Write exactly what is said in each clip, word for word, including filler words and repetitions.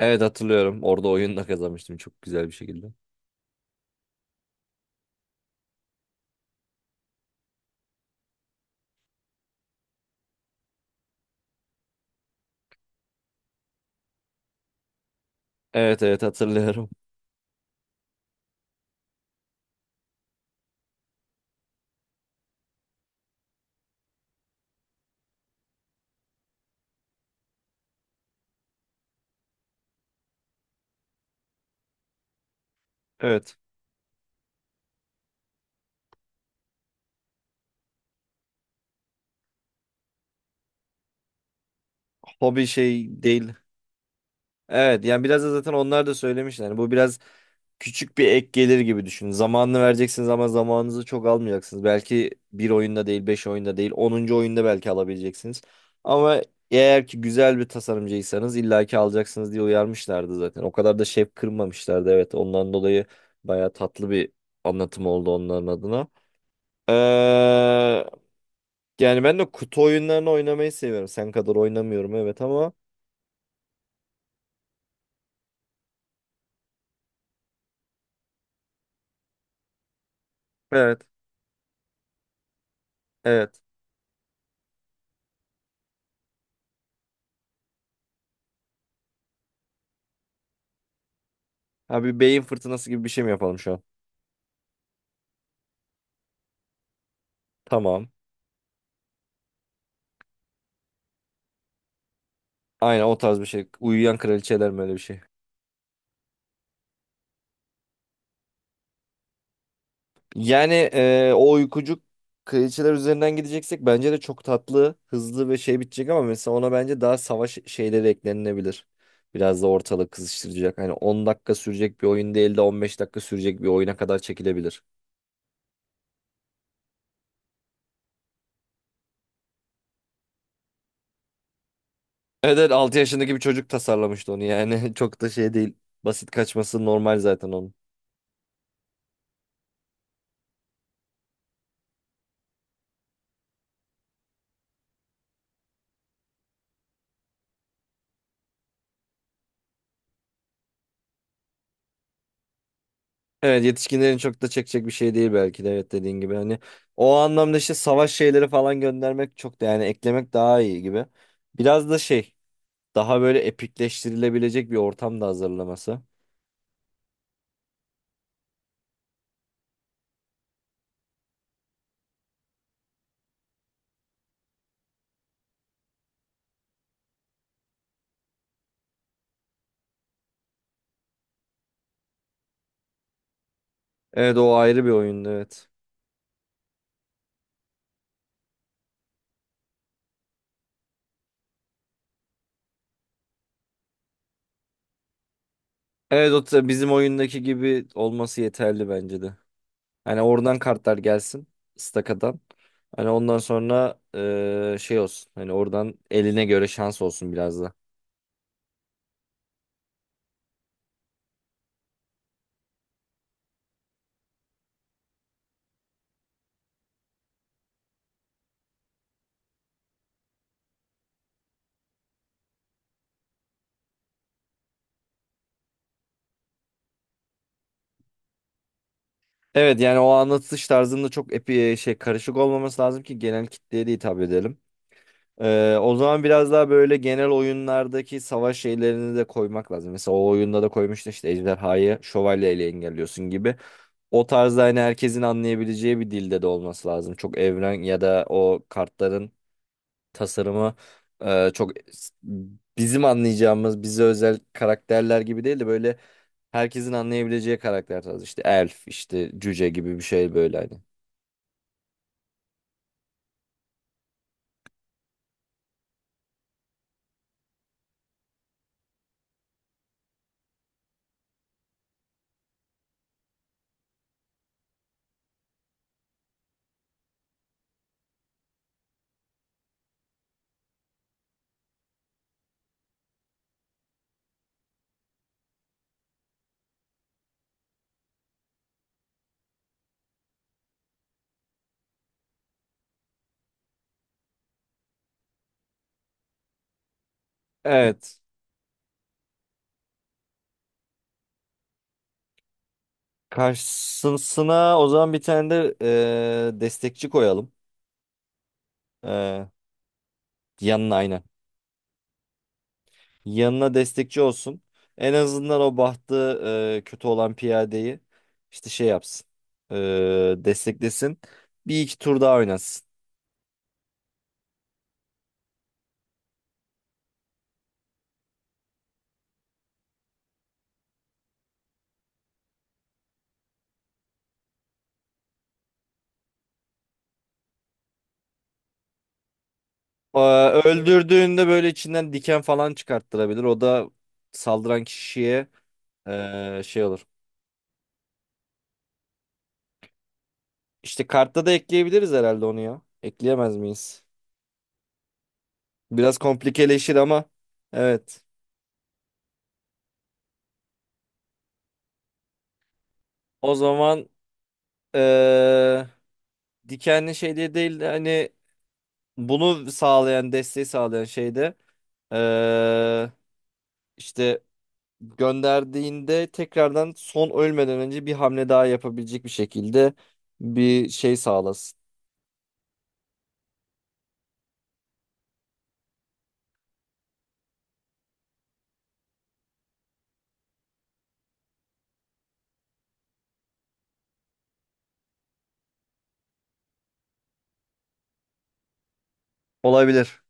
Evet hatırlıyorum. Orada oyunla kazanmıştım çok güzel bir şekilde. Evet evet hatırlıyorum. Evet. Hobi şey değil. Evet yani biraz da zaten onlar da söylemişler. Yani bu biraz küçük bir ek gelir gibi düşünün. Zamanını vereceksiniz ama zamanınızı çok almayacaksınız. Belki bir oyunda değil, beş oyunda değil, onuncu oyunda belki alabileceksiniz. Ama eğer ki güzel bir tasarımcıysanız illaki alacaksınız diye uyarmışlardı zaten. O kadar da şef kırmamışlardı. Evet ondan dolayı baya tatlı bir anlatım oldu onların adına. Ee, Yani ben de kutu oyunlarını oynamayı seviyorum. Sen kadar oynamıyorum evet ama. Evet. Evet. Abi beyin fırtınası gibi bir şey mi yapalım şu an? Tamam. Aynen o tarz bir şey. Uyuyan kraliçeler mi öyle bir şey? Yani e, o uykucuk kraliçeler üzerinden gideceksek bence de çok tatlı, hızlı ve şey bitecek ama mesela ona bence daha savaş şeyleri eklenilebilir. Biraz da ortalık kızıştıracak. Hani on dakika sürecek bir oyun değil de on beş dakika sürecek bir oyuna kadar çekilebilir. Evet, evet altı yaşındaki bir çocuk tasarlamıştı onu yani. Çok da şey değil. Basit kaçması normal zaten onun. Evet yetişkinlerin çok da çekecek bir şey değil belki de evet dediğin gibi. Hani o anlamda işte savaş şeyleri falan göndermek çok da yani eklemek daha iyi gibi. Biraz da şey daha böyle epikleştirilebilecek bir ortam da hazırlaması. Evet o ayrı bir oyundu evet. Evet o ta- bizim oyundaki gibi olması yeterli bence de. Hani oradan kartlar gelsin stakadan. Hani ondan sonra eee, şey olsun. Hani oradan eline göre şans olsun biraz da. Evet yani o anlatış tarzında çok epi şey karışık olmaması lazım ki genel kitleye de hitap edelim. Eee, o zaman biraz daha böyle genel oyunlardaki savaş şeylerini de koymak lazım. Mesela o oyunda da koymuştu işte ejderhayı şövalyeyle engelliyorsun gibi. O tarzda hani herkesin anlayabileceği bir dilde de olması lazım. Çok evren ya da o kartların tasarımı e, çok bizim anlayacağımız bize özel karakterler gibi değil de böyle herkesin anlayabileceği karakter tarzı. İşte elf, işte cüce gibi bir şey böyle hani. Evet. Karşısına o zaman bir tane de e, destekçi koyalım. E, Yanına aynen. Yanına destekçi olsun. En azından o bahtı e, kötü olan piyadeyi işte şey yapsın. E, Desteklesin. Bir iki tur daha oynasın. Aa, Öldürdüğünde böyle içinden diken falan çıkarttırabilir. O da saldıran kişiye eee, şey olur. İşte kartta da ekleyebiliriz herhalde onu ya. Ekleyemez miyiz? Biraz komplikeleşir ama evet. O zaman eee, dikenli şey diye değil de hani bunu sağlayan, desteği sağlayan şeyde eee işte gönderdiğinde tekrardan son ölmeden önce bir hamle daha yapabilecek bir şekilde bir şey sağlasın. Olabilir.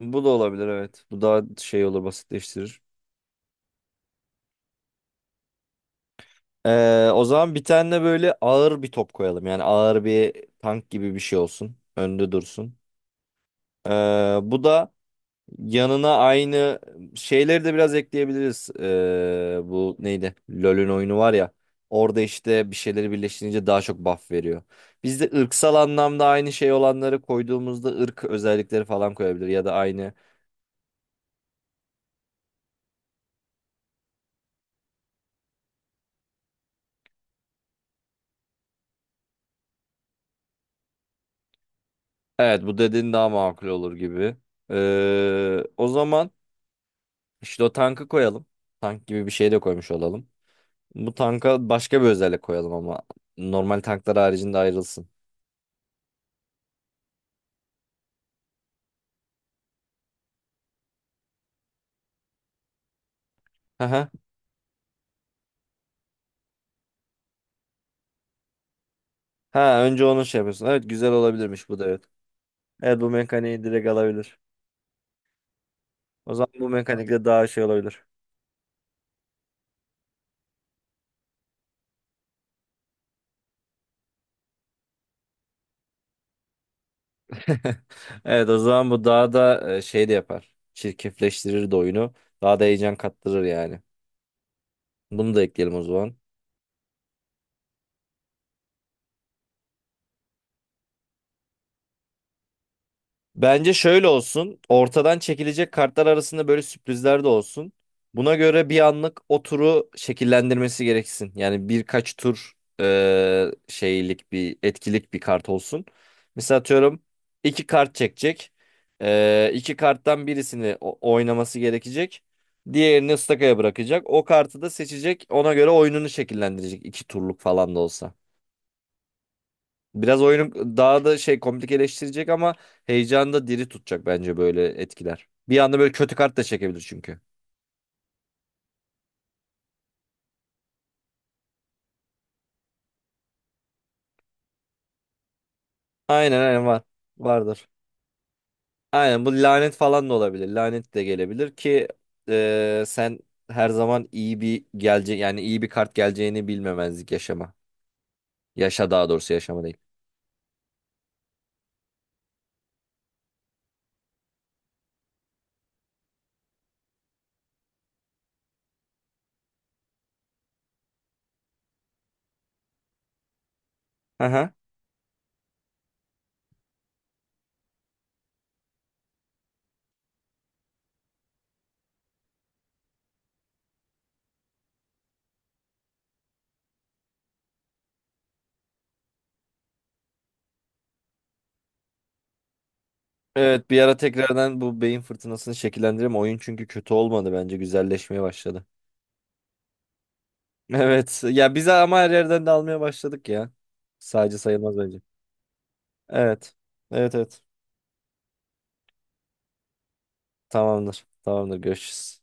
Bu da olabilir evet. Bu daha şey olur basitleştirir. Ee, o zaman bir tane de böyle ağır bir top koyalım. Yani ağır bir tank gibi bir şey olsun. Önde dursun. Ee, bu da yanına aynı şeyleri de biraz ekleyebiliriz. Ee, bu neydi? LoL'ün oyunu var ya. Orada işte bir şeyleri birleştirince daha çok buff veriyor. Biz de ırksal anlamda aynı şey olanları koyduğumuzda ırk özellikleri falan koyabilir. Ya da aynı. Evet bu dediğin daha makul olur gibi. Ee, o zaman... İşte o tankı koyalım. Tank gibi bir şey de koymuş olalım. Bu tanka başka bir özellik koyalım ama normal tanklar haricinde ayrılsın. Aha. Ha önce onu şey yapıyorsun. Evet güzel olabilirmiş bu da evet. Evet bu mekaniği direkt alabilir. O zaman bu mekanikle daha şey olabilir. Evet o zaman bu daha da e, şey de yapar. Çirkefleştirir de oyunu. Daha da heyecan kattırır yani. Bunu da ekleyelim o zaman. Bence şöyle olsun. Ortadan çekilecek kartlar arasında böyle sürprizler de olsun. Buna göre bir anlık o turu şekillendirmesi gereksin. Yani birkaç tur e, şeylik bir etkilik bir kart olsun. Mesela atıyorum iki kart çekecek. E, iki karttan birisini o- oynaması gerekecek. Diğerini ıstakaya bırakacak. O kartı da seçecek. Ona göre oyununu şekillendirecek. İki turluk falan da olsa. Biraz oyunu daha da şey komplikeleştirecek ama heyecanı da diri tutacak bence böyle etkiler. Bir anda böyle kötü kart da çekebilir çünkü. Aynen aynen var. Vardır. Aynen bu lanet falan da olabilir. Lanet de gelebilir ki e, sen her zaman iyi bir gelecek yani iyi bir kart geleceğini bilmemezlik yaşama. Yaşa daha doğrusu yaşama değil. Aha. Evet bir ara tekrardan bu beyin fırtınasını şekillendirelim. Oyun çünkü kötü olmadı bence güzelleşmeye başladı. Evet. Ya bize ama her yerden de almaya başladık ya. Sadece sayılmaz bence. Evet. Evet evet. Tamamdır. Tamamdır. Görüşürüz.